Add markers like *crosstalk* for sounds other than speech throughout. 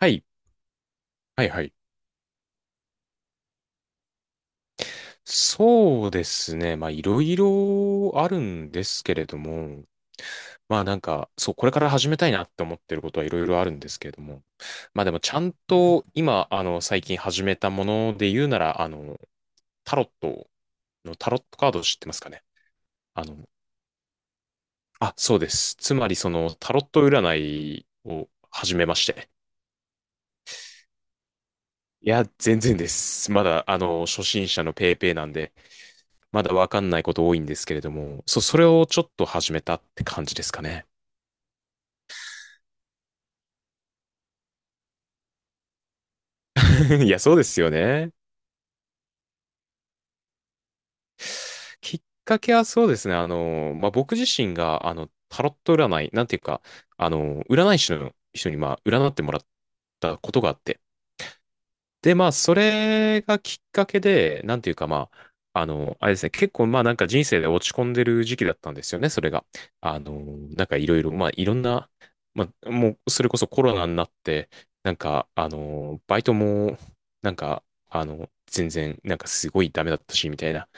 はい。はいはい。そうですね。まあ、いろいろあるんですけれども、まあなんか、そう、これから始めたいなって思ってることはいろいろあるんですけれども、まあでもちゃんと今、最近始めたもので言うなら、タロットタロットカード知ってますかね？あの、あ、そうです。つまりそのタロット占いを始めまして。いや、全然です。まだ、初心者のペーペーなんで、まだわかんないこと多いんですけれども、それをちょっと始めたって感じですかね。*laughs* いや、そうですよね。きっかけはそうですね。まあ、僕自身が、タロット占い、なんていうか、占い師の人に、まあ、占ってもらったことがあって、で、まあ、それがきっかけで、なんていうか、まあ、あれですね、結構、まあ、なんか人生で落ち込んでる時期だったんですよね、それが。あの、なんかいろいろ、まあ、いろんな、まあ、もう、それこそコロナになって、なんか、バイトも、なんか、全然、なんかすごいダメだったし、みたいな。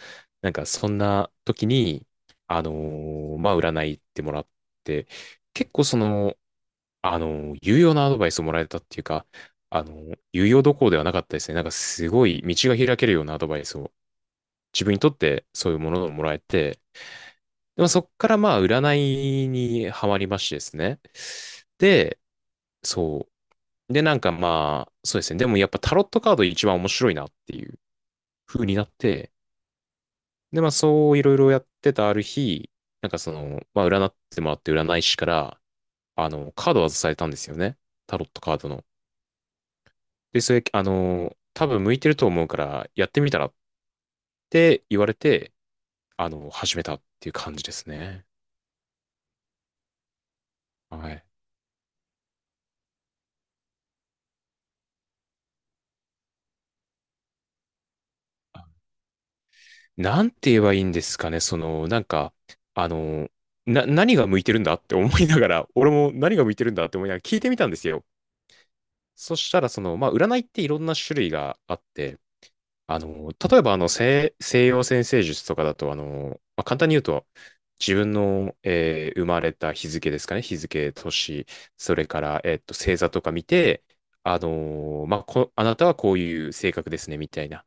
なんか、そんな時に、あの、まあ、占い行ってもらって、結構その、有用なアドバイスをもらえたっていうか、有用どころではなかったですね。なんかすごい道が開けるようなアドバイスを自分にとってそういうものをもらえて、でもそっからまあ占いにはまりましてですね。で、そう。で、なんかまあ、そうですね。でもやっぱタロットカード一番面白いなっていう風になって、でまあそういろいろやってたある日、なんかその、まあ占ってもらって占い師から、カードを外されたんですよね。タロットカードの。で、それ、多分向いてると思うから、やってみたらって言われて、始めたっていう感じですね。はい。なんて言えばいいんですかね、その、なんか、あの、何が向いてるんだって思いながら、俺も何が向いてるんだって思いながら聞いてみたんですよ。そしたら、その、まあ、占いっていろんな種類があって、例えば西洋占星術とかだと、まあ、簡単に言うと、自分の、生まれた日付ですかね、日付、年、それから、星座とか見て、あのまあ、あなたはこういう性格ですね、みたいな、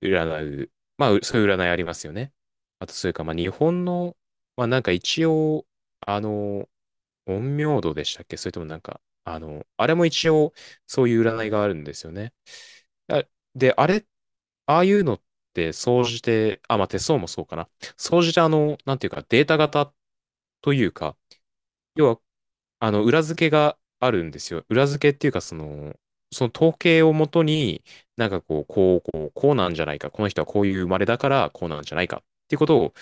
占う、まあ、そういう占いありますよね。あと、それから、まあ、日本の、まあ、なんか一応、あのー陰陽道でしたっけ？それともなんか、あれも一応、そういう占いがあるんですよね。あで、あれ、ああいうのって、総じて、あ、まあ、手相もそうかな。総じて、なんていうか、データ型というか、要は、裏付けがあるんですよ。裏付けっていうか、その、その統計をもとに、なんかこう、こう、こう、こうなんじゃないか。この人はこういう生まれだから、こうなんじゃないか。っていうことを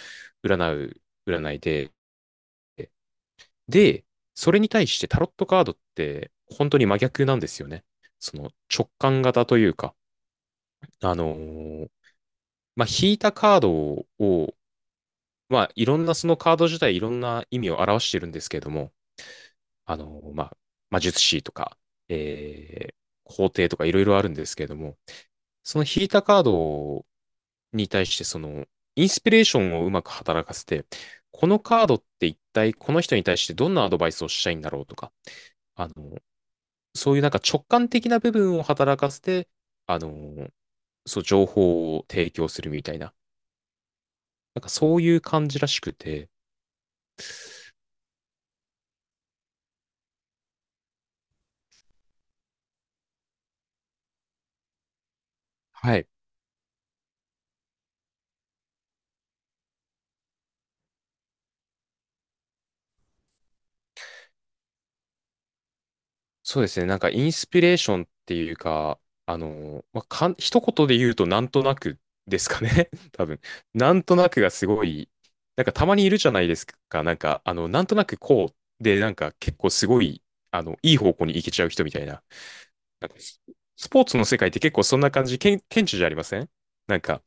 占う、占いで。で、それに対してタロットカードって、本当に真逆なんですよね。その、直感型というか、あのーまあ、引いたカードを、まあ、いろんな、そのカード自体いろんな意味を表してるんですけれども、まあ、魔術師とか、えー、皇帝とかいろいろあるんですけれども、その引いたカードに対して、その、インスピレーションをうまく働かせて、このカードって一体この人に対してどんなアドバイスをしたいんだろうとか、あの、そういうなんか直感的な部分を働かせて、あの、そう、情報を提供するみたいな、なんかそういう感じらしくて、はい。そうですね。なんかインスピレーションっていうか、まあ、一言で言うとなんとなくですかね。*laughs* 多分。なんとなくがすごい、なんかたまにいるじゃないですか。なんか、なんとなくこうで、なんか結構すごい、いい方向に行けちゃう人みたいな。なんかスポーツの世界って結構そんな感じ、顕著じゃありません？なんか、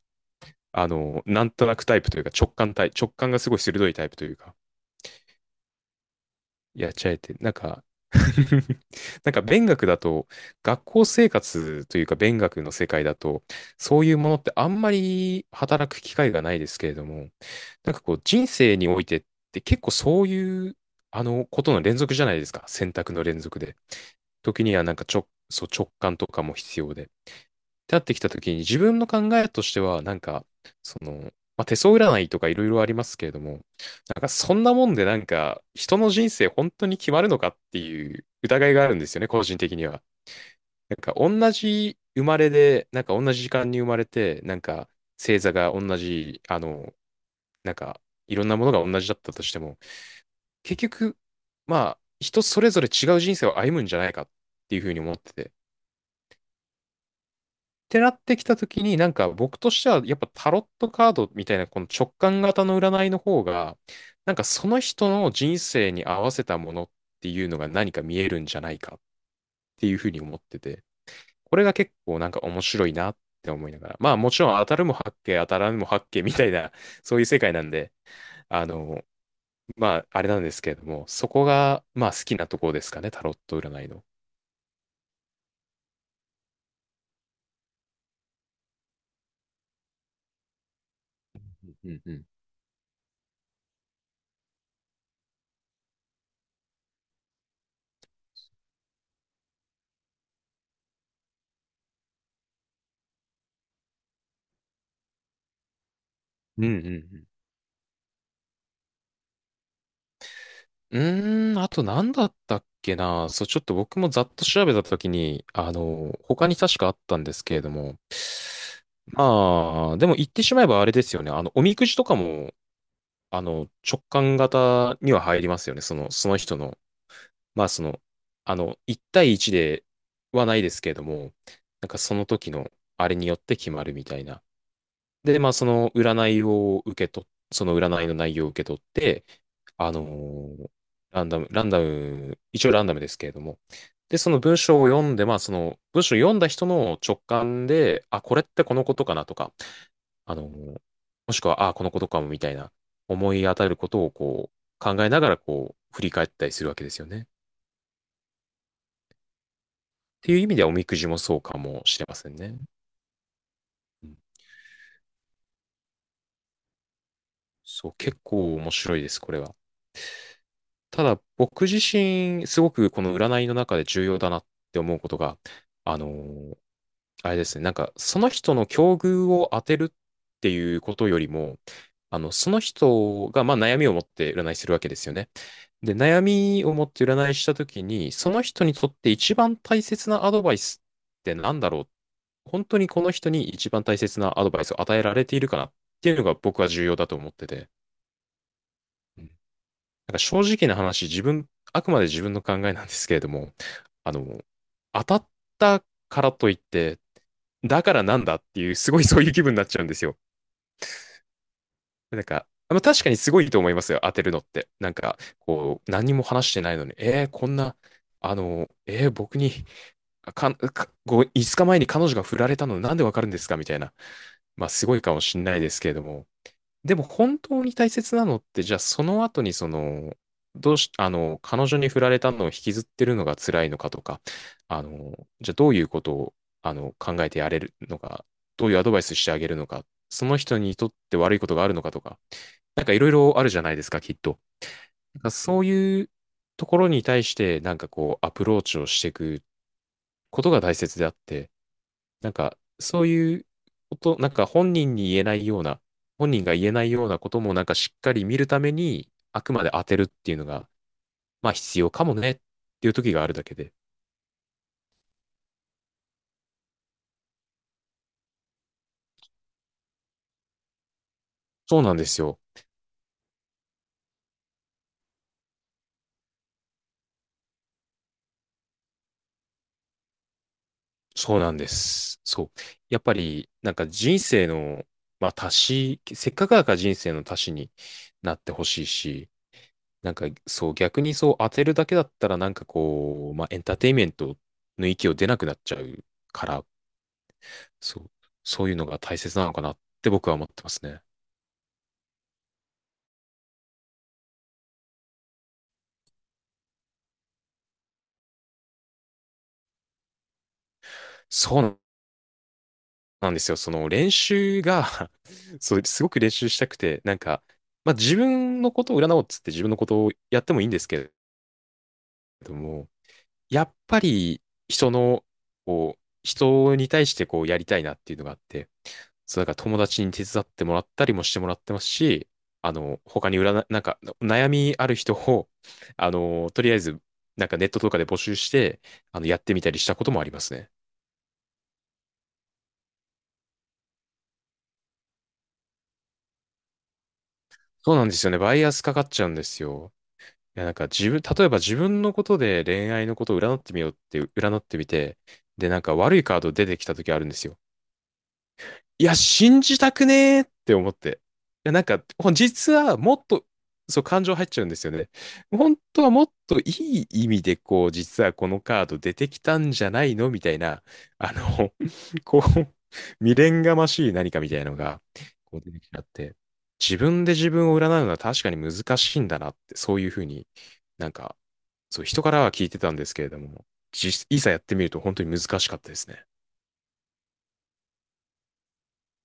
なんとなくタイプというか直感がすごい鋭いタイプというか、やっちゃえて、なんか、*laughs* なんか勉学だと、学校生活というか勉学の世界だと、そういうものってあんまり働く機会がないですけれども、なんかこう人生においてって結構そういう、ことの連続じゃないですか。選択の連続で。時にはなんかそう直感とかも必要で。ってなってきたときに、自分の考えとしては、なんか、その、まあ、手相占いとかいろいろありますけれども、なんかそんなもんでなんか、人の人生本当に決まるのかっていう疑いがあるんですよね、個人的には。なんか同じ生まれで、なんか同じ時間に生まれて、なんか星座が同じ、なんかいろんなものが同じだったとしても、結局、まあ、人それぞれ違う人生を歩むんじゃないかっていうふうに思ってて。てなってきたときに、なんか僕としては、やっぱタロットカードみたいなこの直感型の占いの方が、なんかその人の人生に合わせたものっていうのが何か見えるんじゃないかっていうふうに思ってて、これが結構なんか面白いなって思いながら、まあもちろん当たるも八卦、当たらぬも八卦みたいな、*laughs* そういう世界なんで、あの、まああれなんですけれども、そこがまあ好きなところですかね、タロット占いの。うんうん。うんうんうん。うーん、あと何だったっけな。そう、ちょっと僕もざっと調べたときに、他に確かあったんですけれども。まあ、でも言ってしまえばあれですよね。おみくじとかも、直感型には入りますよね。その、その人の。まあ、その、1対1ではないですけれども、なんかその時のあれによって決まるみたいな。で、まあ、その占いを受け取っ、その占いの内容を受け取って、あのーランダム、ランダム、一応ランダムですけれども、で、その文章を読んで、まあ、その文章を読んだ人の直感で、あ、これってこのことかなとか、あのーもしくは、あ、このことかもみたいな、思い当たることをこう、考えながらこう、振り返ったりするわけですよね。っていう意味では、おみくじもそうかもしれませんね。うん。そう、結構面白いです、これは。ただ僕自身、すごくこの占いの中で重要だなって思うことが、あのーあれですね、なんかその人の境遇を当てるっていうことよりも、あの、その人が、まあ、悩みを持って占いするわけですよね。で、悩みを持って占いしたときに、その人にとって一番大切なアドバイスってなんだろう。本当にこの人に一番大切なアドバイスを与えられているかなっていうのが僕は重要だと思ってて。なんか正直な話、自分、あくまで自分の考えなんですけれども、あの、当たったからといって、だからなんだっていう、すごい *laughs* そういう気分になっちゃうんですよ。なんか、まあ、確かにすごいと思いますよ、当てるのって。なんか、こう、何も話してないのに、こんな、あの、僕に、か、か、5日前に彼女が振られたのなんでわかるんですかみたいな。まあ、すごいかもしんないですけれども、でも本当に大切なのって、じゃあその後にその、どうし、あの、彼女に振られたのを引きずってるのが辛いのかとか、あの、じゃあどういうことを、あの、考えてやれるのか、どういうアドバイスしてあげるのか、その人にとって悪いことがあるのかとか、なんかいろいろあるじゃないですか、きっと。なんかそういうところに対して、なんかこう、アプローチをしていくことが大切であって、なんか、そういうこと、なんか本人に言えないような、本人が言えないようなこともなんかしっかり見るために、あくまで当てるっていうのが、まあ必要かもねっていう時があるだけで。そうなんですよ。そうなんです。そう。やっぱり、なんか人生の、まあ足し、せっかくだから人生の足しになってほしいし、なんかそう、逆にそう当てるだけだったらなんかこう、まあエンターテインメントの域を出なくなっちゃうから、そう、そういうのが大切なのかなって僕は思ってますね。そうなんですよ。その練習が *laughs* そう、すごく練習したくて、なんか、まあ自分のことを占おうっつって自分のことをやってもいいんですけれども、やっぱり人の、こう、人に対してこうやりたいなっていうのがあって、そう、だから友達に手伝ってもらったりもしてもらってますし、あの、他に占い、なんか、悩みある人を、あの、とりあえず、なんかネットとかで募集して、あの、やってみたりしたこともありますね。そうなんですよね。バイアスかかっちゃうんですよ。いや、なんか自分、例えば自分のことで恋愛のことを占ってみようって、占ってみて、で、なんか悪いカード出てきた時あるんですよ。いや、信じたくねーって思って。いや、なんか、実はもっと、そう、感情入っちゃうんですよね。本当はもっといい意味で、こう、実はこのカード出てきたんじゃないのみたいな、あの、*laughs* こう、未練がましい何かみたいなのが、こう出てきちゃって、自分で自分を占うのは確かに難しいんだなって、そういうふうになんか、そう、人からは聞いてたんですけれども、いざやってみると本当に難しかったですね。